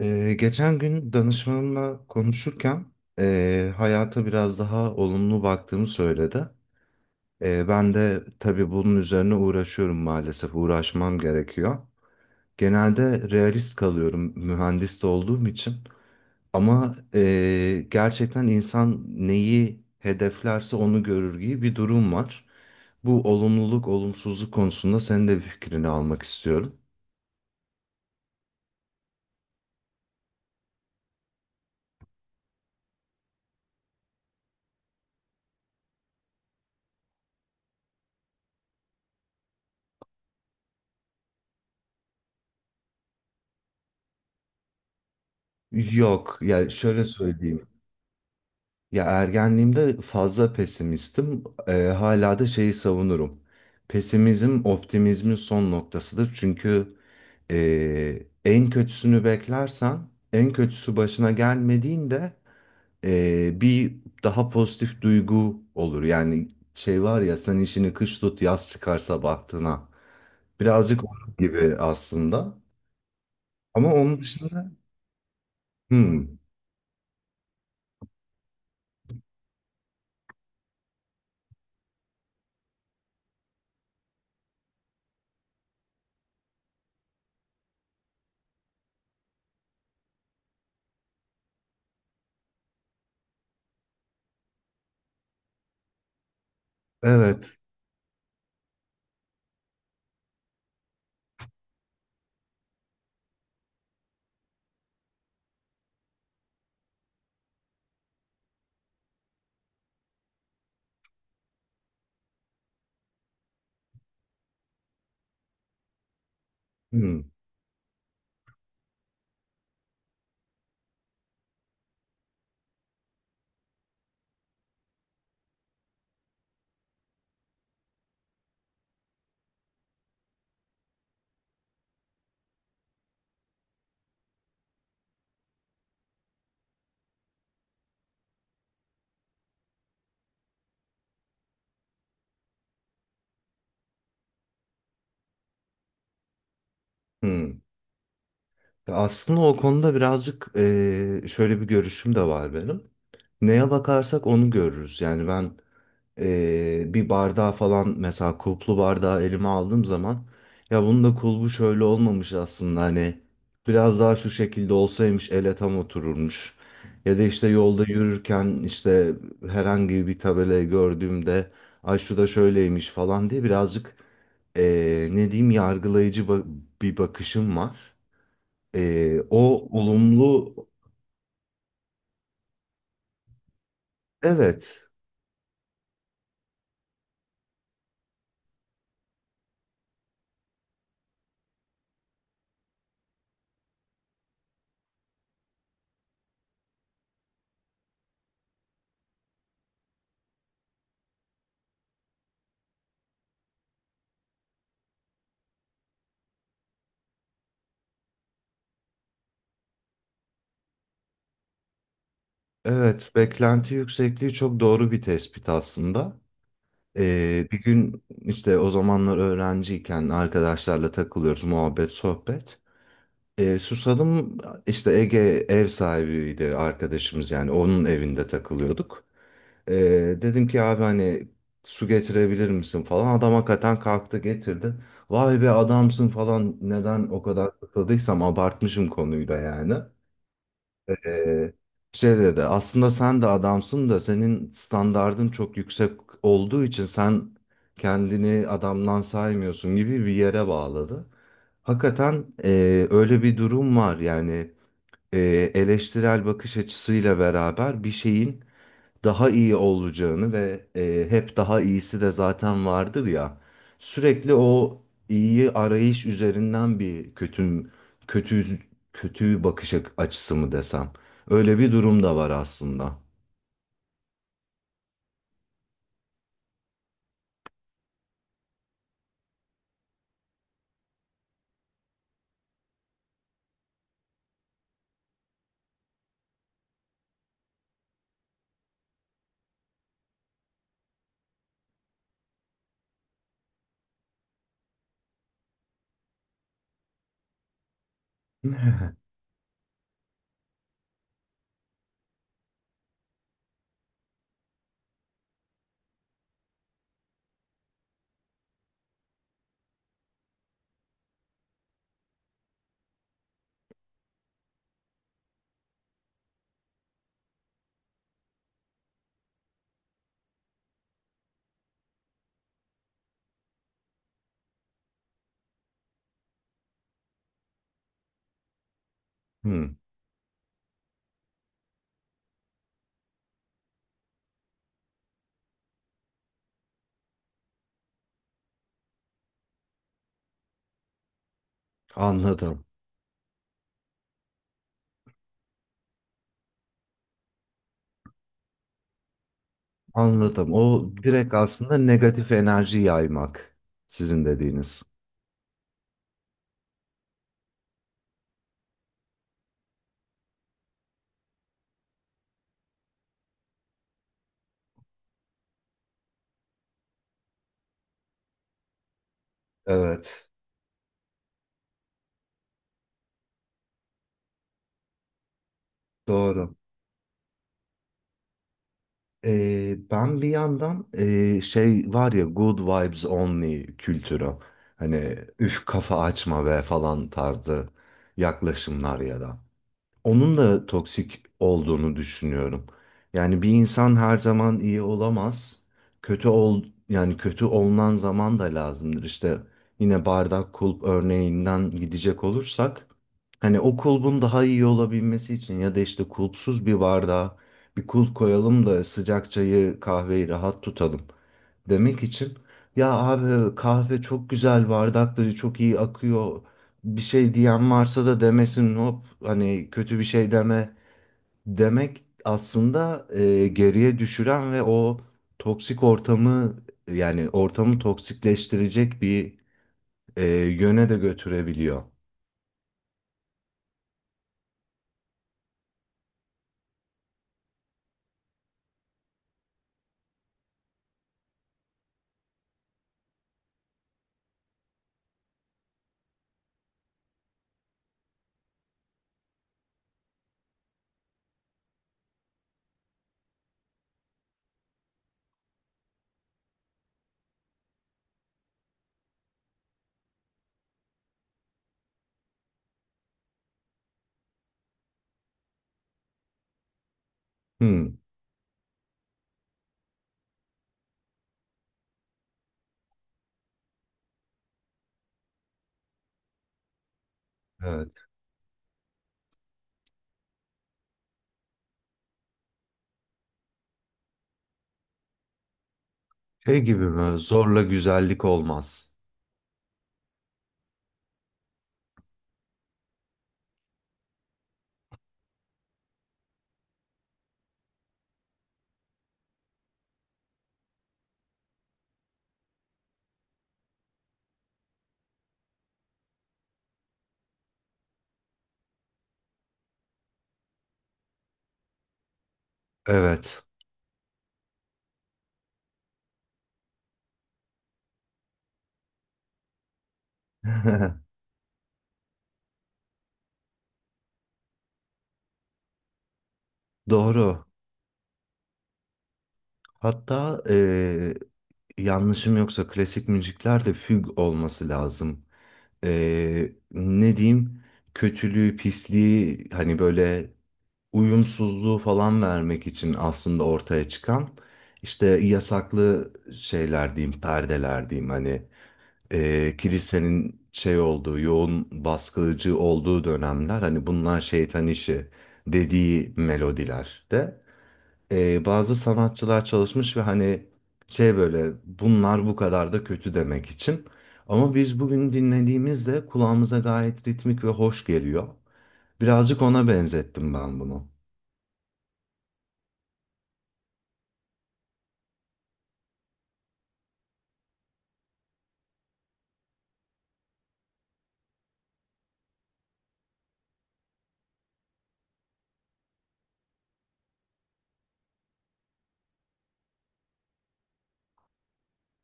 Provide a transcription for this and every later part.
Geçen gün danışmanımla konuşurken hayata biraz daha olumlu baktığımı söyledi. Ben de tabii bunun üzerine uğraşıyorum maalesef, uğraşmam gerekiyor. Genelde realist kalıyorum mühendis de olduğum için. Ama gerçekten insan neyi hedeflerse onu görür gibi bir durum var. Bu olumluluk, olumsuzluk konusunda senin de bir fikrini almak istiyorum. Yok, yani şöyle söyleyeyim. Ya ergenliğimde fazla pesimistim. Hala da şeyi savunurum. Pesimizm optimizmin son noktasıdır. Çünkü en kötüsünü beklersen, en kötüsü başına gelmediğinde bir daha pozitif duygu olur. Yani şey var ya sen işini kış tut yaz çıkar sabahtına. Birazcık onun gibi aslında. Ama onun dışında hmm, evet. hmm, hmm. Ya aslında o konuda birazcık şöyle bir görüşüm de var benim. Neye bakarsak onu görürüz. Yani ben bir bardağı falan mesela kulplu bardağı elime aldığım zaman ya bunun da kulbu şöyle olmamış aslında hani biraz daha şu şekilde olsaymış ele tam otururmuş. Ya da işte yolda yürürken işte herhangi bir tabelayı gördüğümde ay şu da şöyleymiş falan diye birazcık ne diyeyim yargılayıcı bir bakışım var. O olumlu. Evet, evet, beklenti yüksekliği çok doğru bir tespit aslında. Bir gün işte o zamanlar öğrenciyken arkadaşlarla takılıyoruz muhabbet sohbet. Susadım, işte Ege ev sahibiydi arkadaşımız yani onun evinde takılıyorduk. Ee, Dedim ki abi hani su getirebilir misin falan, adam hakikaten kalktı getirdi. Vay be adamsın falan, neden o kadar takıldıysam abartmışım konuyu da yani. Ee, Şey dedi aslında, sen de adamsın da senin standardın çok yüksek olduğu için sen kendini adamdan saymıyorsun gibi bir yere bağladı. Hakikaten öyle bir durum var yani, e, eleştirel bakış açısıyla beraber bir şeyin daha iyi olacağını ve hep daha iyisi de zaten vardır ya. Sürekli o iyi arayış üzerinden bir kötü, kötü kötü bakış açısı mı desem. Öyle bir durum da var aslında. Hmm, anladım. Anladım. O direkt aslında negatif enerji yaymak sizin dediğiniz. Evet, doğru. Ben bir yandan şey var ya good vibes only kültürü. Hani üf kafa açma ve falan tarzı yaklaşımlar ya da onun da toksik olduğunu düşünüyorum. Yani bir insan her zaman iyi olamaz. Kötü ol, yani kötü olunan zaman da lazımdır. İşte yine bardak kulp örneğinden gidecek olursak hani o kulbun daha iyi olabilmesi için ya da işte kulpsuz bir bardağa bir kulp koyalım da sıcak çayı kahveyi rahat tutalım demek için, ya abi kahve çok güzel bardakları çok iyi akıyor bir şey diyen varsa da demesin hop, hani kötü bir şey deme demek aslında geriye düşüren ve o toksik ortamı, yani ortamı toksikleştirecek bir e, yöne de götürebiliyor. Hmm, evet. Şey gibi mi? Zorla güzellik olmaz. Evet. Doğru. Hatta yanlışım yoksa klasik müziklerde füg olması lazım. Ne diyeyim, kötülüğü, pisliği hani böyle uyumsuzluğu falan vermek için aslında ortaya çıkan işte yasaklı şeyler diyeyim, perdeler diyeyim, hani kilisenin şey olduğu, yoğun baskıcı olduğu dönemler hani bunlar şeytan işi dediği melodiler de bazı sanatçılar çalışmış ve hani şey, böyle bunlar bu kadar da kötü demek için. Ama biz bugün dinlediğimizde kulağımıza gayet ritmik ve hoş geliyor. Birazcık ona benzettim ben bunu.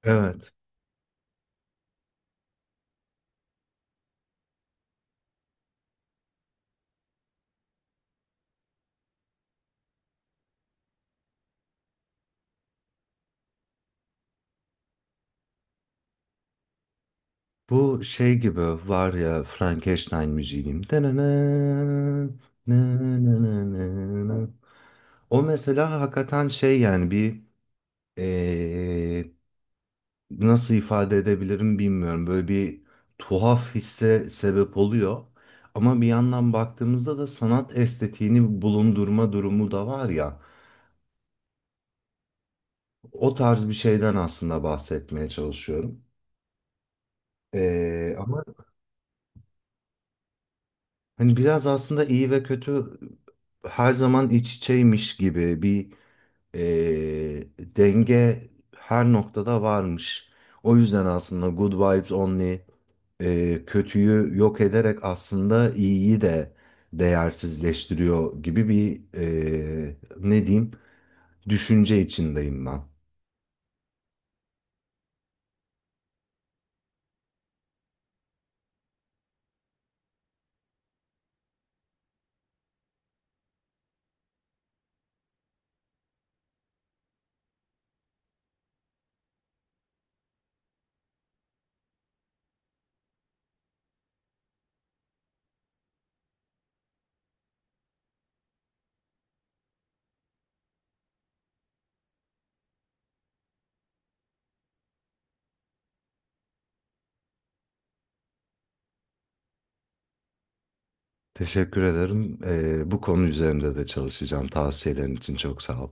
Evet. Bu şey gibi var ya Frankenstein müziğim. O mesela hakikaten şey, yani bir eee, nasıl ifade edebilirim bilmiyorum. Böyle bir tuhaf hisse sebep oluyor. Ama bir yandan baktığımızda da sanat estetiğini bulundurma durumu da var ya. O tarz bir şeyden aslında bahsetmeye çalışıyorum. Ama hani biraz aslında iyi ve kötü her zaman iç içeymiş gibi bir e, denge her noktada varmış. O yüzden aslında Good Vibes Only kötüyü yok ederek aslında iyiyi de değersizleştiriyor gibi bir ne diyeyim düşünce içindeyim ben. Teşekkür ederim. E, bu konu üzerinde de çalışacağım. Tavsiyelerin için çok sağ ol.